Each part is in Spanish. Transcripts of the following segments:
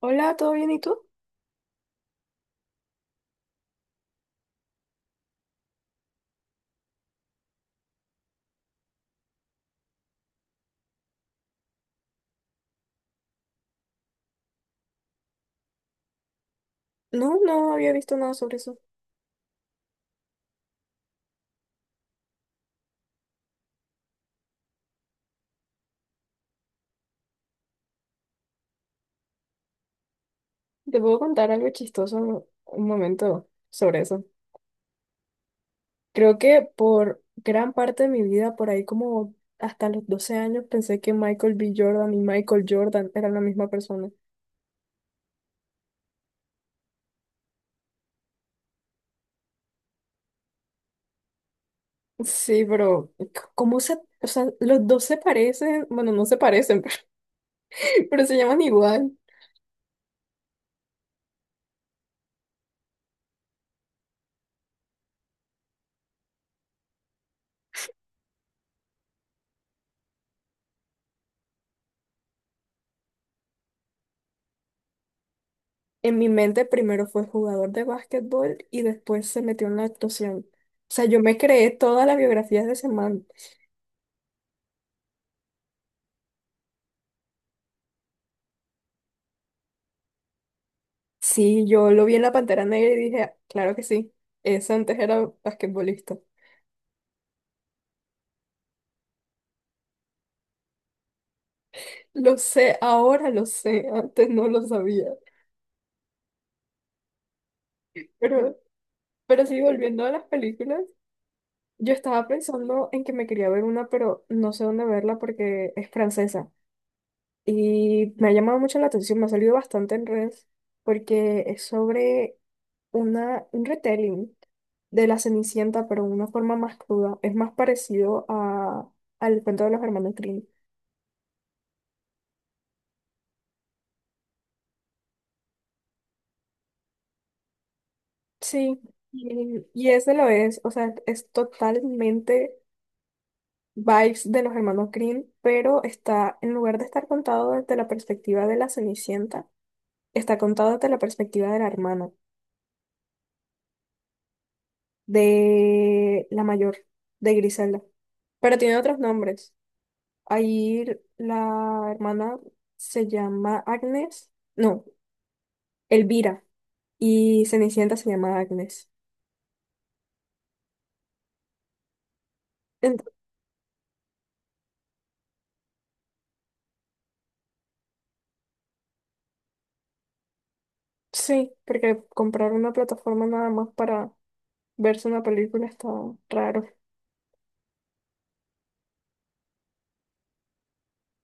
Hola, ¿todo bien? ¿Y tú? No, no había visto nada sobre eso. Te puedo contar algo chistoso un momento sobre eso. Creo que por gran parte de mi vida, por ahí como hasta los 12 años, pensé que Michael B. Jordan y Michael Jordan eran la misma persona. Sí, pero ¿cómo se? O sea, los dos se parecen, bueno, no se parecen, pero se llaman igual. En mi mente primero fue jugador de básquetbol y después se metió en la actuación. O sea, yo me creé todas las biografías de ese man. Sí, yo lo vi en la Pantera Negra y dije, "Ah, claro que sí, ese antes era basquetbolista". Lo sé, ahora lo sé, antes no lo sabía. Pero, pero sí, volviendo a las películas, yo estaba pensando en que me quería ver una, pero no sé dónde verla porque es francesa. Y me ha llamado mucho la atención, me ha salido bastante en redes, porque es sobre una, un retelling de la Cenicienta, pero de una forma más cruda. Es más parecido a, al cuento de los hermanos Grimm. Sí, y ese lo es, o sea, es totalmente vibes de los hermanos Green, pero está, en lugar de estar contado desde la perspectiva de la Cenicienta, está contado desde la perspectiva de la hermana, de la mayor, de Griselda. Pero tiene otros nombres. Ahí la hermana se llama Agnes, no, Elvira, y Cenicienta se llama Agnes. Ent- sí, porque compraron una plataforma nada más para verse una película está raro.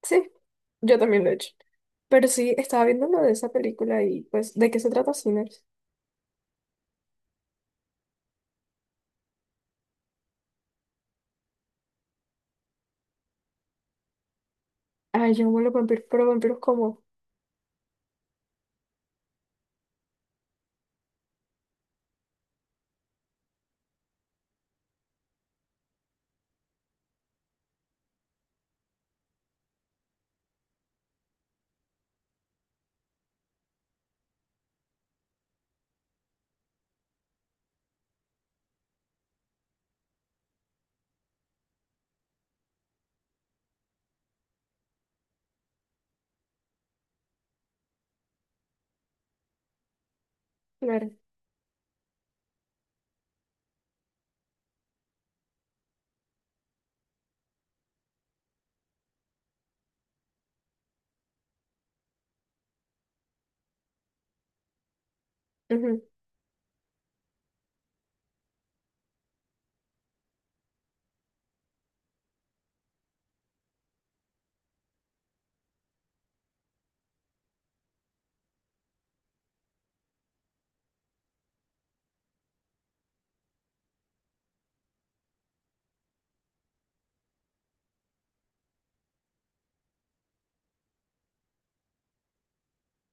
Sí, yo también lo he hecho. Pero sí, estaba viendo lo de esa película y pues, ¿de qué se trata Sinners? Ay, yo amo los vampiros, pero vampiros como, claro. Ujú,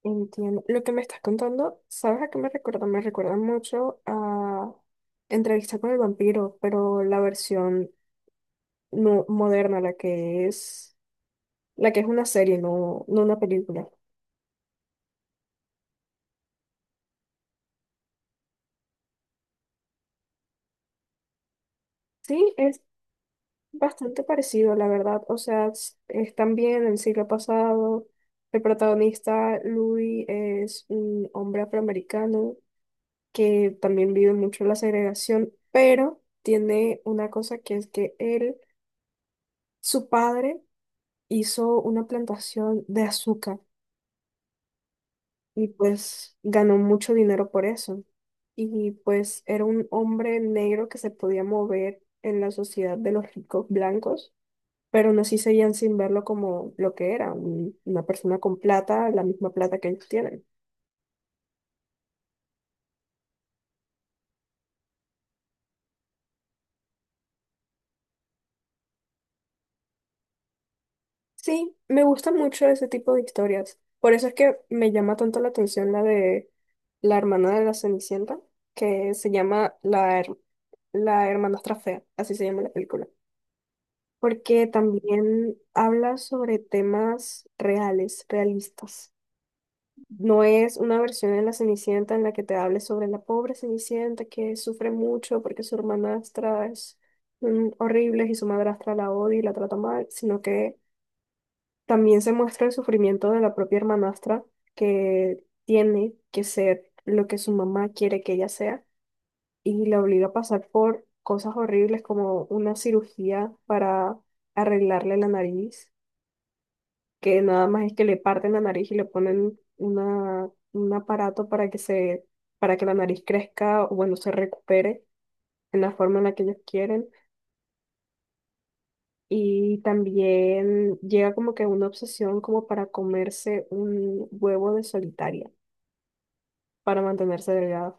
entiendo. Lo que me estás contando, ¿sabes a qué me recuerda? Me recuerda mucho a Entrevista con el vampiro, pero la versión no moderna, la que es una serie, no, no una película. Sí, es bastante parecido, la verdad. O sea, están bien en el siglo pasado. El protagonista, Louis, es un hombre afroamericano que también vive mucho la segregación, pero tiene una cosa que es que él, su padre, hizo una plantación de azúcar y pues ganó mucho dinero por eso. Y pues era un hombre negro que se podía mover en la sociedad de los ricos blancos, pero no sí seguían sin verlo como lo que era, una persona con plata, la misma plata que ellos tienen. Sí, me gusta mucho ese tipo de historias. Por eso es que me llama tanto la atención la de la hermana de la Cenicienta, que se llama la Hermanastra Fea, así se llama la película. Porque también habla sobre temas reales, realistas. No es una versión de la Cenicienta en la que te hable sobre la pobre Cenicienta que sufre mucho porque su hermanastra es horrible y su madrastra la odia y la trata mal, sino que también se muestra el sufrimiento de la propia hermanastra que tiene que ser lo que su mamá quiere que ella sea y la obliga a pasar por cosas horribles como una cirugía para arreglarle la nariz, que nada más es que le parten la nariz y le ponen una, un aparato para que se, para que la nariz crezca o bueno, se recupere en la forma en la que ellos quieren. Y también llega como que una obsesión como para comerse un huevo de solitaria para mantenerse delgada.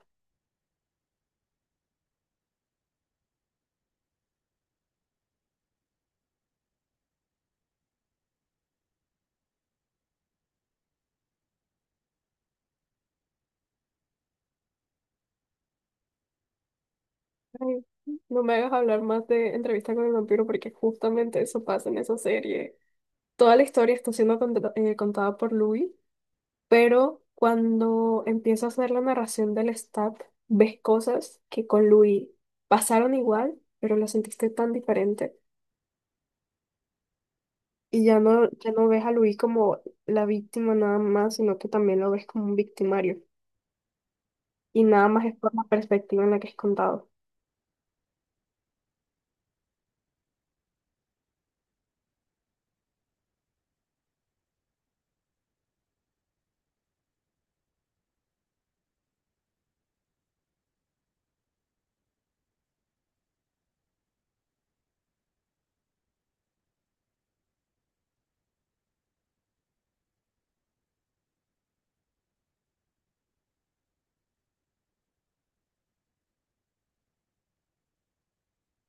Ay, no me hagas hablar más de Entrevista con el vampiro porque justamente eso pasa en esa serie. Toda la historia está siendo contada por Louis. Pero cuando empieza a hacer la narración del stat, ves cosas que con Louis pasaron igual, pero la sentiste tan diferente. Y ya no, ves a Louis como la víctima nada más, sino que también lo ves como un victimario. Y nada más es por la perspectiva en la que es contado.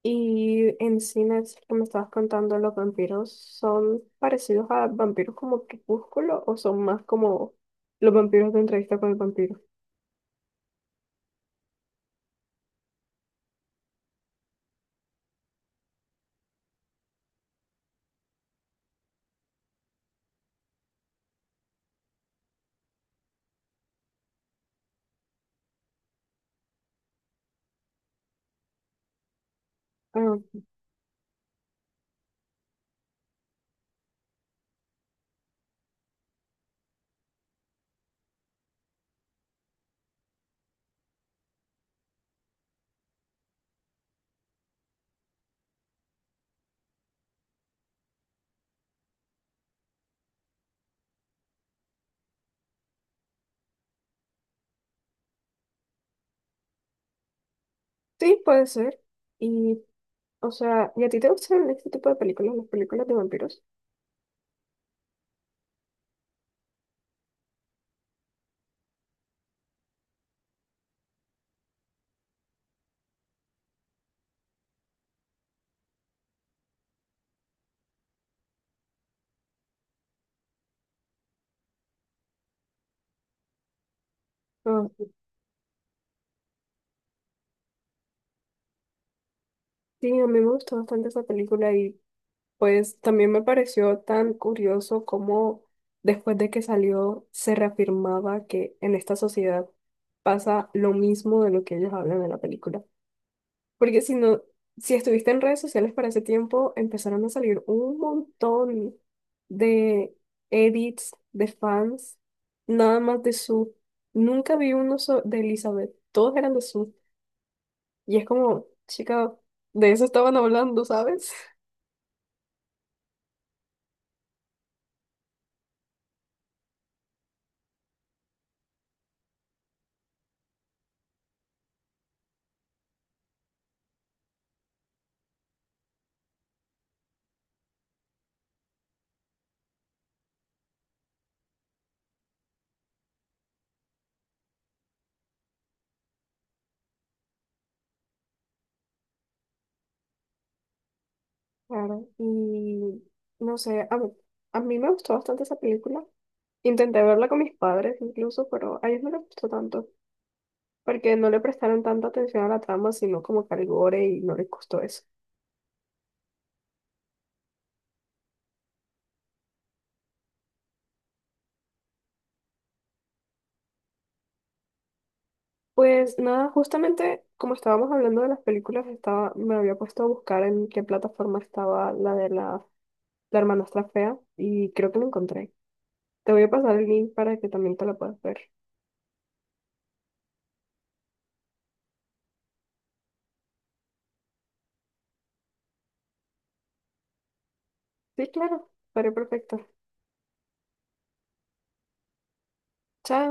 Y en cines que me estabas contando, los vampiros son parecidos a vampiros como Crepúsculo o son más como los vampiros de entrevista con el vampiro. Ah, sí, puede ser. Y o sea, ¿y a ti te gustan este tipo de películas, las películas de vampiros? Ah, sí, a mí me gustó bastante esa película y pues también me pareció tan curioso cómo después de que salió se reafirmaba que en esta sociedad pasa lo mismo de lo que ellos hablan en la película. Porque si no, si estuviste en redes sociales para ese tiempo, empezaron a salir un montón de edits de fans, nada más de su. Nunca vi uno de Elizabeth, todos eran de su. Y es como, chica, de eso estaban hablando, ¿sabes? Claro, y no sé, a mí, me gustó bastante esa película. Intenté verla con mis padres incluso, pero a ellos no les gustó tanto, porque no le prestaron tanta atención a la trama, sino como que al gore y no les gustó eso. Pues nada, justamente como estábamos hablando de las películas, estaba, me había puesto a buscar en qué plataforma estaba la de la hermanastra fea y creo que la encontré. Te voy a pasar el link para que también te la puedas ver. Sí, claro, estaría perfecto. Chao.